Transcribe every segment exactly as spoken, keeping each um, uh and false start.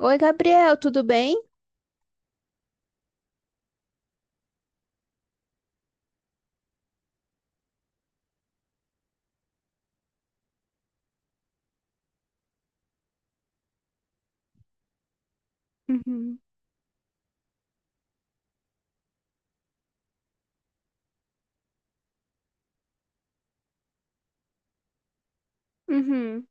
Oi, Gabriel, tudo bem? Uhum, uhum,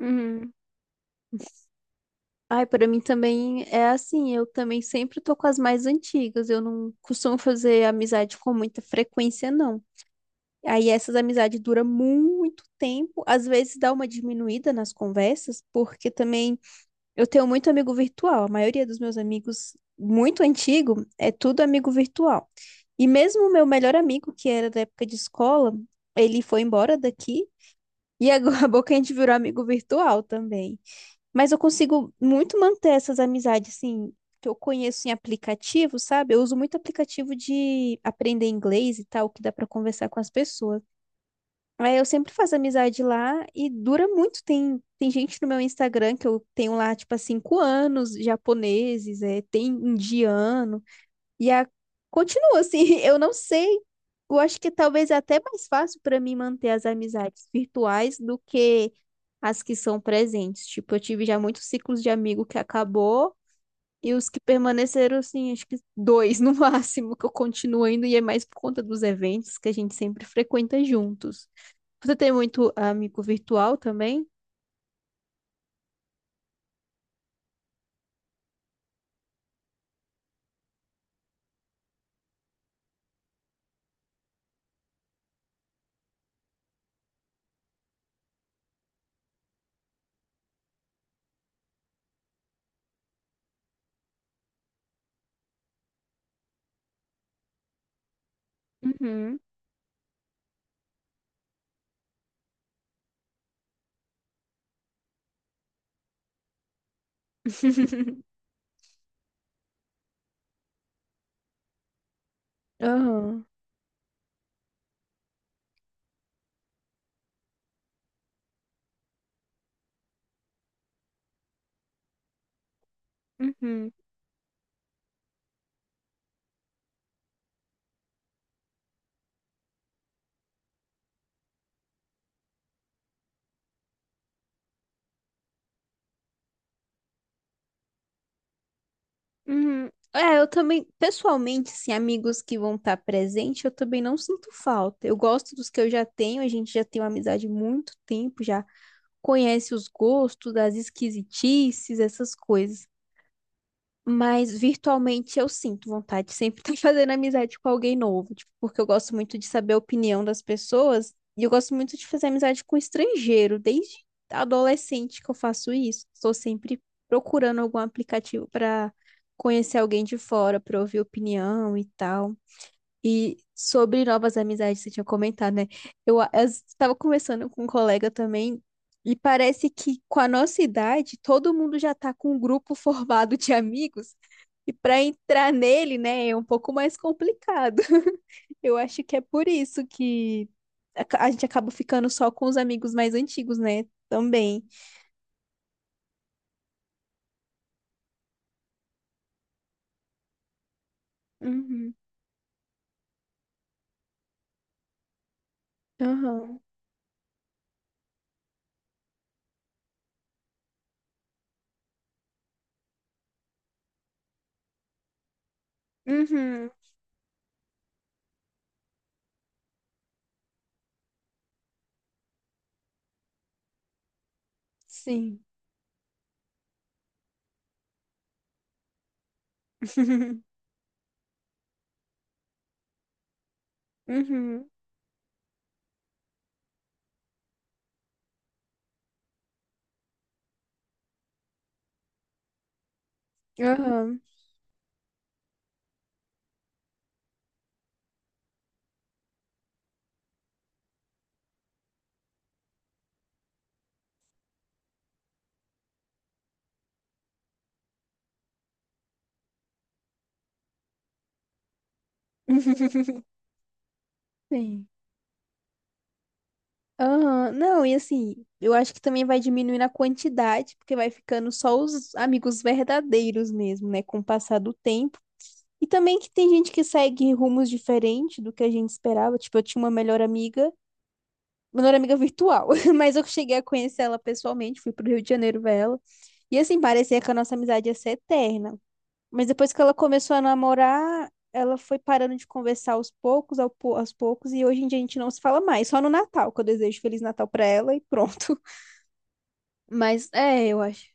uhum. Ai, para mim também é assim, eu também sempre tô com as mais antigas, eu não costumo fazer amizade com muita frequência, não. Aí essas amizades duram muito tempo, às vezes dá uma diminuída nas conversas, porque também eu tenho muito amigo virtual, a maioria dos meus amigos muito antigo é tudo amigo virtual. E mesmo o meu melhor amigo, que era da época de escola, ele foi embora daqui. E agora acabou que a gente virou amigo virtual também. Mas eu consigo muito manter essas amizades, assim, que eu conheço em aplicativo, sabe? Eu uso muito aplicativo de aprender inglês e tal, que dá pra conversar com as pessoas. Aí eu sempre faço amizade lá e dura muito. Tem, tem gente no meu Instagram que eu tenho lá, tipo, há cinco anos, japoneses, é, tem indiano. E a... continua assim, eu não sei. Eu acho que talvez é até mais fácil para mim manter as amizades virtuais do que as que são presentes. Tipo, eu tive já muitos ciclos de amigo que acabou e os que permaneceram, assim, acho que dois no máximo, que eu continuo indo e é mais por conta dos eventos que a gente sempre frequenta juntos. Você tem muito amigo virtual também? Uhum. Aham. Uhum. Uhum. É, eu também, pessoalmente, assim, amigos que vão estar presente, eu também não sinto falta. Eu gosto dos que eu já tenho, a gente já tem uma amizade há muito tempo, já conhece os gostos, as esquisitices, essas coisas. Mas virtualmente eu sinto vontade de sempre estar fazendo amizade com alguém novo, tipo, porque eu gosto muito de saber a opinião das pessoas e eu gosto muito de fazer amizade com estrangeiro, desde adolescente que eu faço isso. Estou sempre procurando algum aplicativo para conhecer alguém de fora, para ouvir opinião e tal. E sobre novas amizades, você tinha comentado, né? Eu estava conversando com um colega também, e parece que com a nossa idade, todo mundo já está com um grupo formado de amigos, e para entrar nele, né, é um pouco mais complicado. Eu acho que é por isso que a a gente acaba ficando só com os amigos mais antigos, né? Também. Uhum. Aham. Uhum. Sim. Uhum. Aham. Sim. Aham, não, e assim, eu acho que também vai diminuindo a quantidade, porque vai ficando só os amigos verdadeiros mesmo, né, com o passar do tempo. E também que tem gente que segue rumos diferentes do que a gente esperava. Tipo, eu tinha uma melhor amiga, melhor amiga virtual, mas eu cheguei a conhecer ela pessoalmente, fui pro Rio de Janeiro ver ela. E assim, parecia que a nossa amizade ia ser eterna. Mas depois que ela começou a namorar, ela foi parando de conversar aos poucos, ao pou- aos poucos, e hoje em dia a gente não se fala mais, só no Natal, que eu desejo Feliz Natal pra ela e pronto. Mas é, eu acho.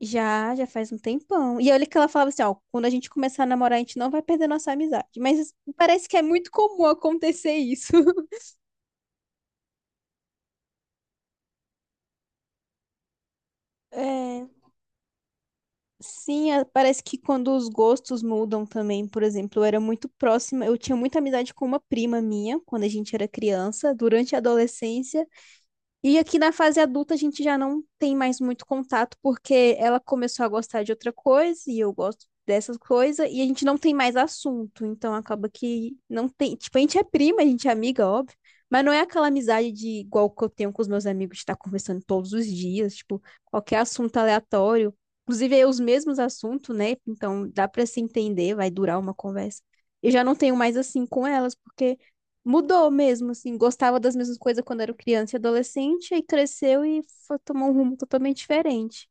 Já, já faz um tempão. E olha que ela falava assim, ó, quando a gente começar a namorar, a gente não vai perder nossa amizade. Mas parece que é muito comum acontecer isso. É, sim, é- parece que quando os gostos mudam também, por exemplo, eu era muito próxima, eu tinha muita amizade com uma prima minha, quando a gente era criança, durante a adolescência. E aqui na fase adulta a gente já não tem mais muito contato porque ela começou a gostar de outra coisa e eu gosto dessas coisas e a gente não tem mais assunto, então acaba que não tem, tipo, a gente é prima, a gente é amiga, óbvio, mas não é aquela amizade de igual que eu tenho com os meus amigos de estar conversando todos os dias, tipo, qualquer assunto aleatório, inclusive é os mesmos assuntos, né? Então dá para se entender, vai durar uma conversa. Eu já não tenho mais assim com elas porque mudou mesmo, assim, gostava das mesmas coisas quando era criança e adolescente, aí cresceu e foi tomar um rumo totalmente diferente.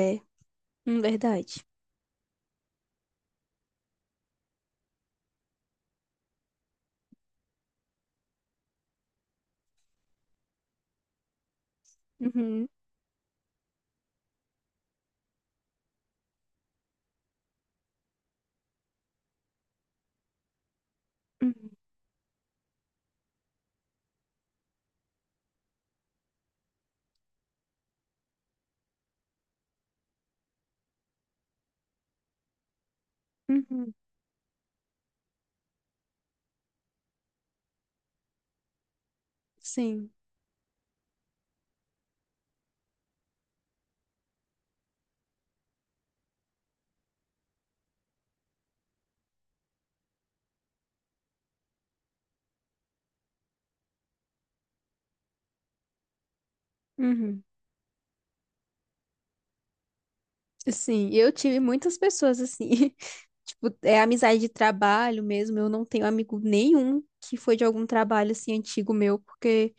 É, hum, verdade. Uhum, uhum, uhum, sim, uhum. Sim, eu tive muitas pessoas assim, tipo, é amizade de trabalho mesmo, eu não tenho amigo nenhum que foi de algum trabalho assim antigo meu, porque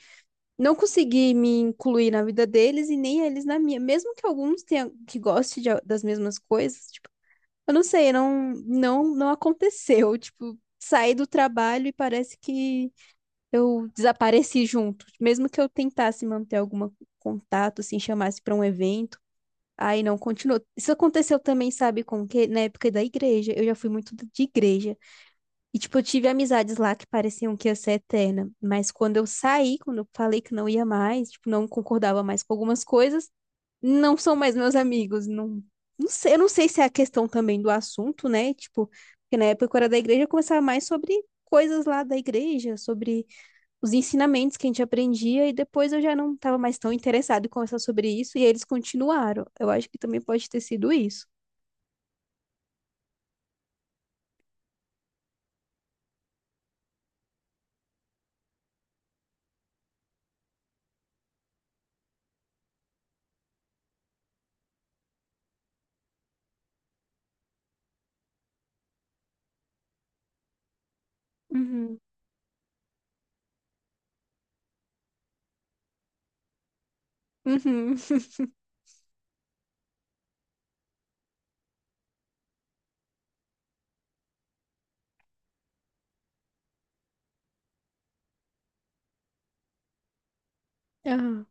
não consegui me incluir na vida deles e nem eles na minha, mesmo que alguns tenham que goste de a- das mesmas coisas. Eu não sei, não, não, não aconteceu. Tipo, saí do trabalho e parece que eu desapareci junto. Mesmo que eu tentasse manter algum contato, assim, chamasse para um evento, aí não continuou. Isso aconteceu também, sabe, com que na época da igreja, eu já fui muito de igreja. E, tipo, eu tive amizades lá que pareciam que ia ser eterna. Mas quando eu saí, quando eu falei que não ia mais, tipo, não concordava mais com algumas coisas, não são mais meus amigos, não, não sei, eu não sei se é a questão também do assunto, né? Tipo, porque na época que eu era da igreja, eu conversava mais sobre coisas lá da igreja, sobre os ensinamentos que a gente aprendia, e depois eu já não estava mais tão interessado em conversar sobre isso, e eles continuaram. Eu acho que também pode ter sido isso. Uhum. Uhum. Aham.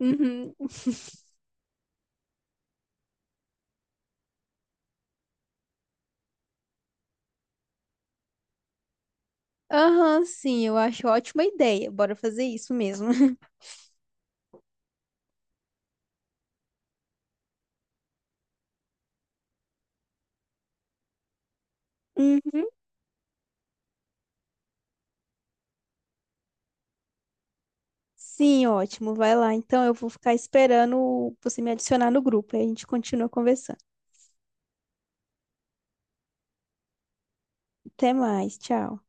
Uhum. Aham, sim, eu acho ótima ideia. Bora fazer isso mesmo. Uhum. Sim, ótimo. Vai lá. Então, eu vou ficar esperando você me adicionar no grupo. Aí a gente continua conversando. Até mais. Tchau.